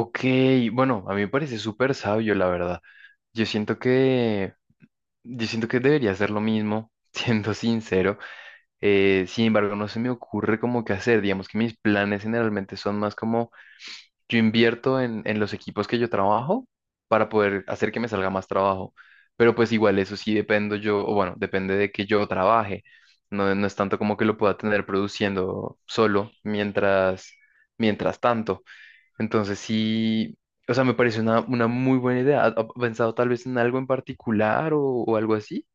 Ok, bueno, a mí me parece súper sabio, la verdad. Yo siento que, yo siento que debería hacer lo mismo, siendo sincero. Sin embargo, no se me ocurre como qué hacer. Digamos que mis planes generalmente son más como yo invierto en los equipos que yo trabajo para poder hacer que me salga más trabajo. Pero pues igual eso sí dependo yo, o bueno, depende de que yo trabaje. No es tanto como que lo pueda tener produciendo solo mientras, mientras tanto. Entonces sí, o sea, me parece una muy buena idea. ¿Ha pensado tal vez en algo en particular o algo así?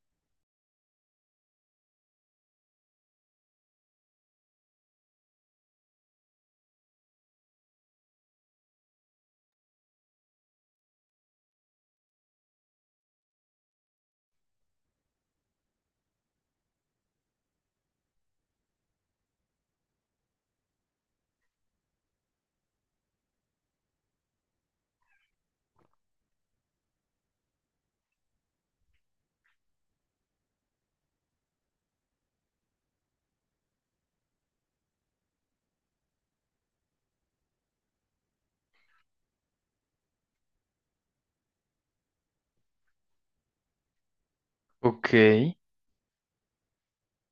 Ok,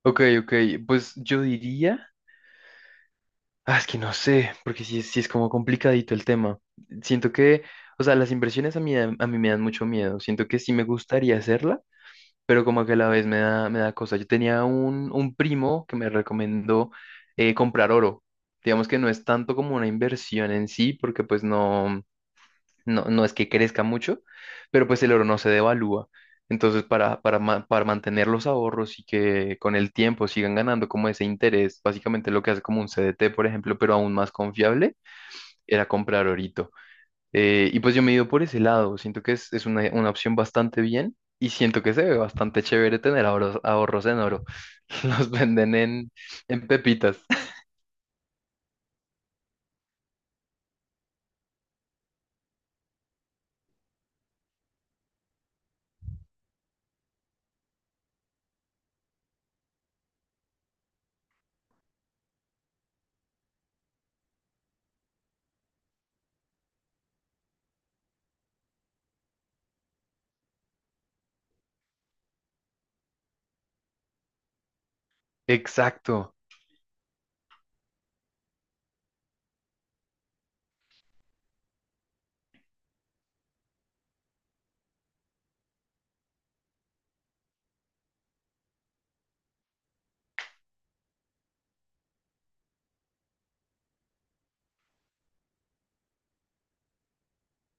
ok, ok. Pues yo diría, ah, es que no sé, porque sí, sí es como complicadito el tema. Siento que, o sea, las inversiones a mí, a mí me dan mucho miedo. Siento que sí me gustaría hacerla, pero como que a la vez me da cosa. Yo tenía un primo que me recomendó comprar oro. Digamos que no es tanto como una inversión en sí, porque pues no. No es que crezca mucho, pero pues el oro no se devalúa. Entonces, para mantener los ahorros y que con el tiempo sigan ganando como ese interés, básicamente lo que hace como un CDT, por ejemplo, pero aún más confiable, era comprar orito. Y pues yo me he ido por ese lado, siento que es una opción bastante bien y siento que se ve bastante chévere tener ahorros, ahorros en oro. Los venden en pepitas. Exacto.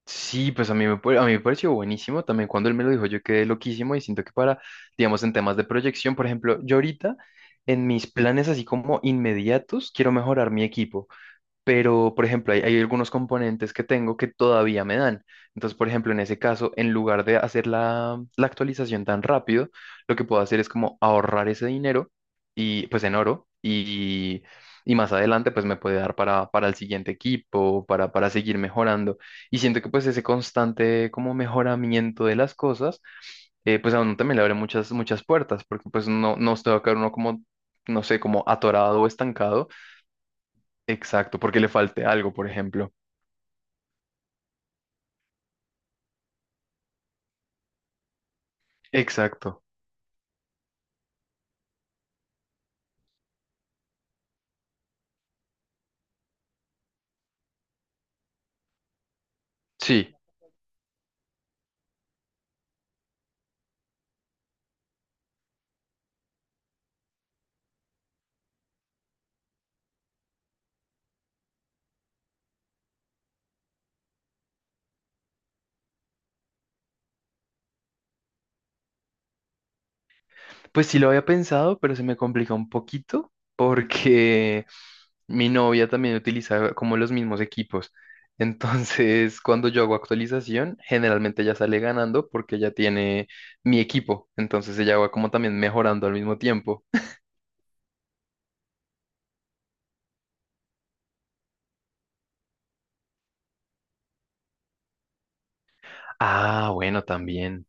Sí, pues a mí a mí me pareció buenísimo. También cuando él me lo dijo, yo quedé loquísimo y siento que para, digamos, en temas de proyección, por ejemplo, yo ahorita en mis planes así como inmediatos, quiero mejorar mi equipo, pero por ejemplo, hay algunos componentes que tengo que todavía me dan. Entonces, por ejemplo, en ese caso, en lugar de hacer la actualización tan rápido, lo que puedo hacer es como ahorrar ese dinero y pues en oro y más adelante pues me puede dar para el siguiente equipo, para seguir mejorando. Y siento que pues ese constante como mejoramiento de las cosas, pues a uno también le abre muchas, muchas puertas, porque pues no, no se va a quedar uno como, no sé, como atorado o estancado. Exacto, porque le falte algo, por ejemplo. Exacto. Sí, pues sí lo había pensado, pero se me complica un poquito porque mi novia también utiliza como los mismos equipos. Entonces, cuando yo hago actualización, generalmente ella sale ganando porque ella tiene mi equipo. Entonces ella va como también mejorando al mismo tiempo. Ah, bueno, también.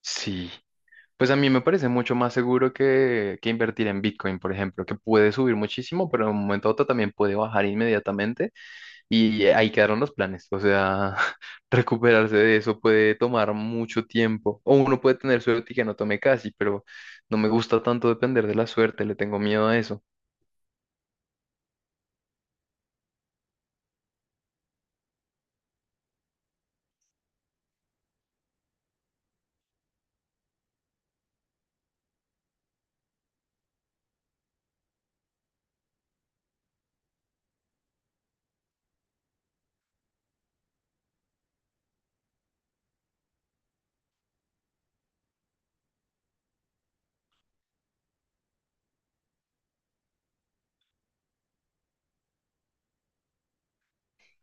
Sí. Pues a mí me parece mucho más seguro que invertir en Bitcoin, por ejemplo, que puede subir muchísimo, pero en un momento a otro también puede bajar inmediatamente y ahí quedaron los planes. O sea, recuperarse de eso puede tomar mucho tiempo. O uno puede tener suerte y que no tome casi, pero no me gusta tanto depender de la suerte, le tengo miedo a eso.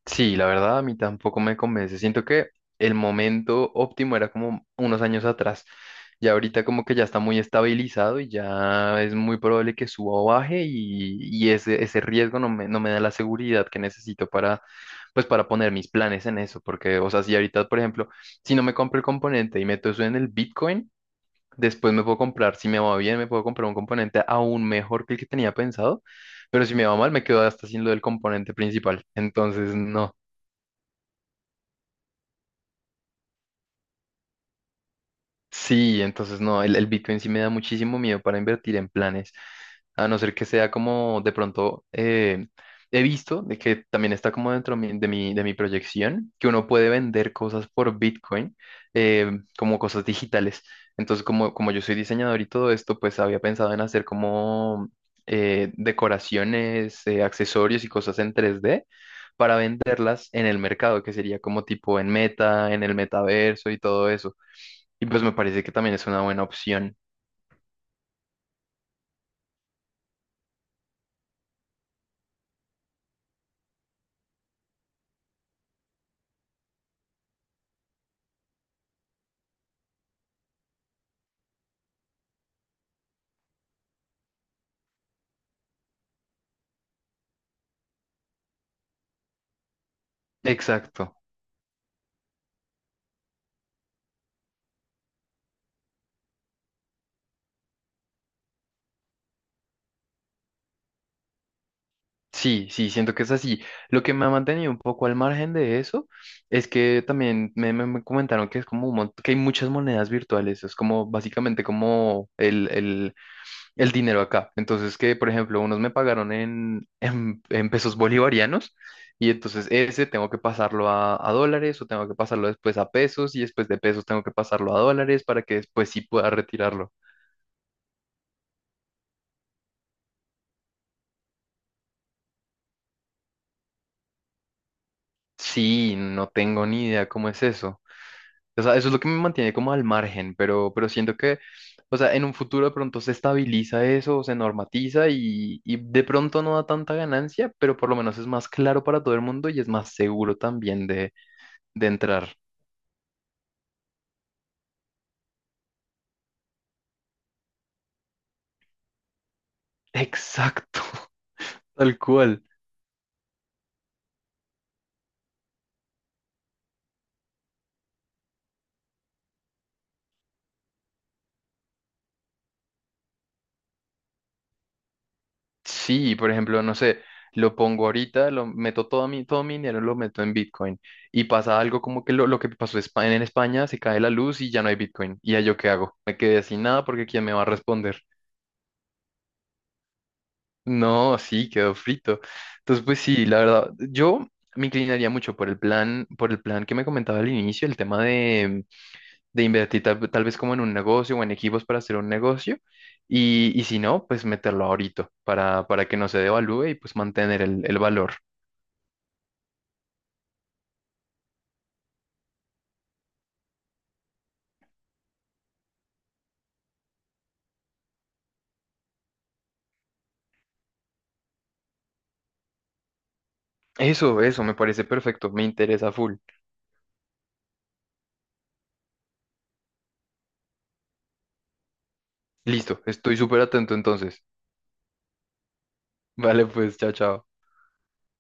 Sí, la verdad a mí tampoco me convence. Siento que el momento óptimo era como unos años atrás. Ya ahorita como que ya está muy estabilizado y ya es muy probable que suba o baje y ese riesgo no me, no me da la seguridad que necesito para, pues para poner mis planes en eso. Porque, o sea, si ahorita, por ejemplo, si no me compro el componente y meto eso en el Bitcoin, después me puedo comprar, si me va bien, me puedo comprar un componente aún mejor que el que tenía pensado. Pero si me va mal, me quedo hasta sin lo del componente principal. Entonces, no. Sí, entonces no, el Bitcoin sí me da muchísimo miedo para invertir en planes, a no ser que sea como de pronto he visto de que también está como de mi proyección, que uno puede vender cosas por Bitcoin eh, como cosas digitales. Entonces, como, como yo soy diseñador y todo esto, pues había pensado en hacer como decoraciones, accesorios y cosas en tres d para venderlas en el mercado, que sería como tipo en Meta, en el metaverso y todo eso. Y pues me parece que también es una buena opción. Exacto. Sí, sí, siento que es así. Lo que me ha mantenido un poco al margen de eso es que también me comentaron que es como un que hay muchas monedas virtuales. Es como básicamente como el dinero acá. Entonces, que por ejemplo, unos me pagaron en, en pesos bolivarianos y entonces ese tengo que pasarlo a dólares o tengo que pasarlo después a pesos y después de pesos tengo que pasarlo a dólares para que después sí pueda retirarlo. Sí, no tengo ni idea cómo es eso. O sea, eso es lo que me mantiene como al margen, pero siento que, o sea, en un futuro de pronto se estabiliza eso, o se normatiza y de pronto no da tanta ganancia, pero por lo menos es más claro para todo el mundo y es más seguro también de entrar. Exacto, tal cual. Sí, por ejemplo, no sé, lo pongo ahorita, lo meto todo mi dinero, lo meto en Bitcoin y pasa algo como que lo que pasó en en España, se cae la luz y ya no hay Bitcoin. ¿Y ya yo qué hago? Me quedé sin nada porque ¿quién me va a responder? No, sí, quedó frito. Entonces, pues sí, la verdad, yo me inclinaría mucho por el plan que me comentaba al inicio, el tema de invertir tal vez como en un negocio o en equipos para hacer un negocio y si no, pues meterlo ahorita para que no se devalúe y pues mantener el valor. Eso me parece perfecto, me interesa full. Listo, estoy súper atento entonces. Vale, pues, chao, chao.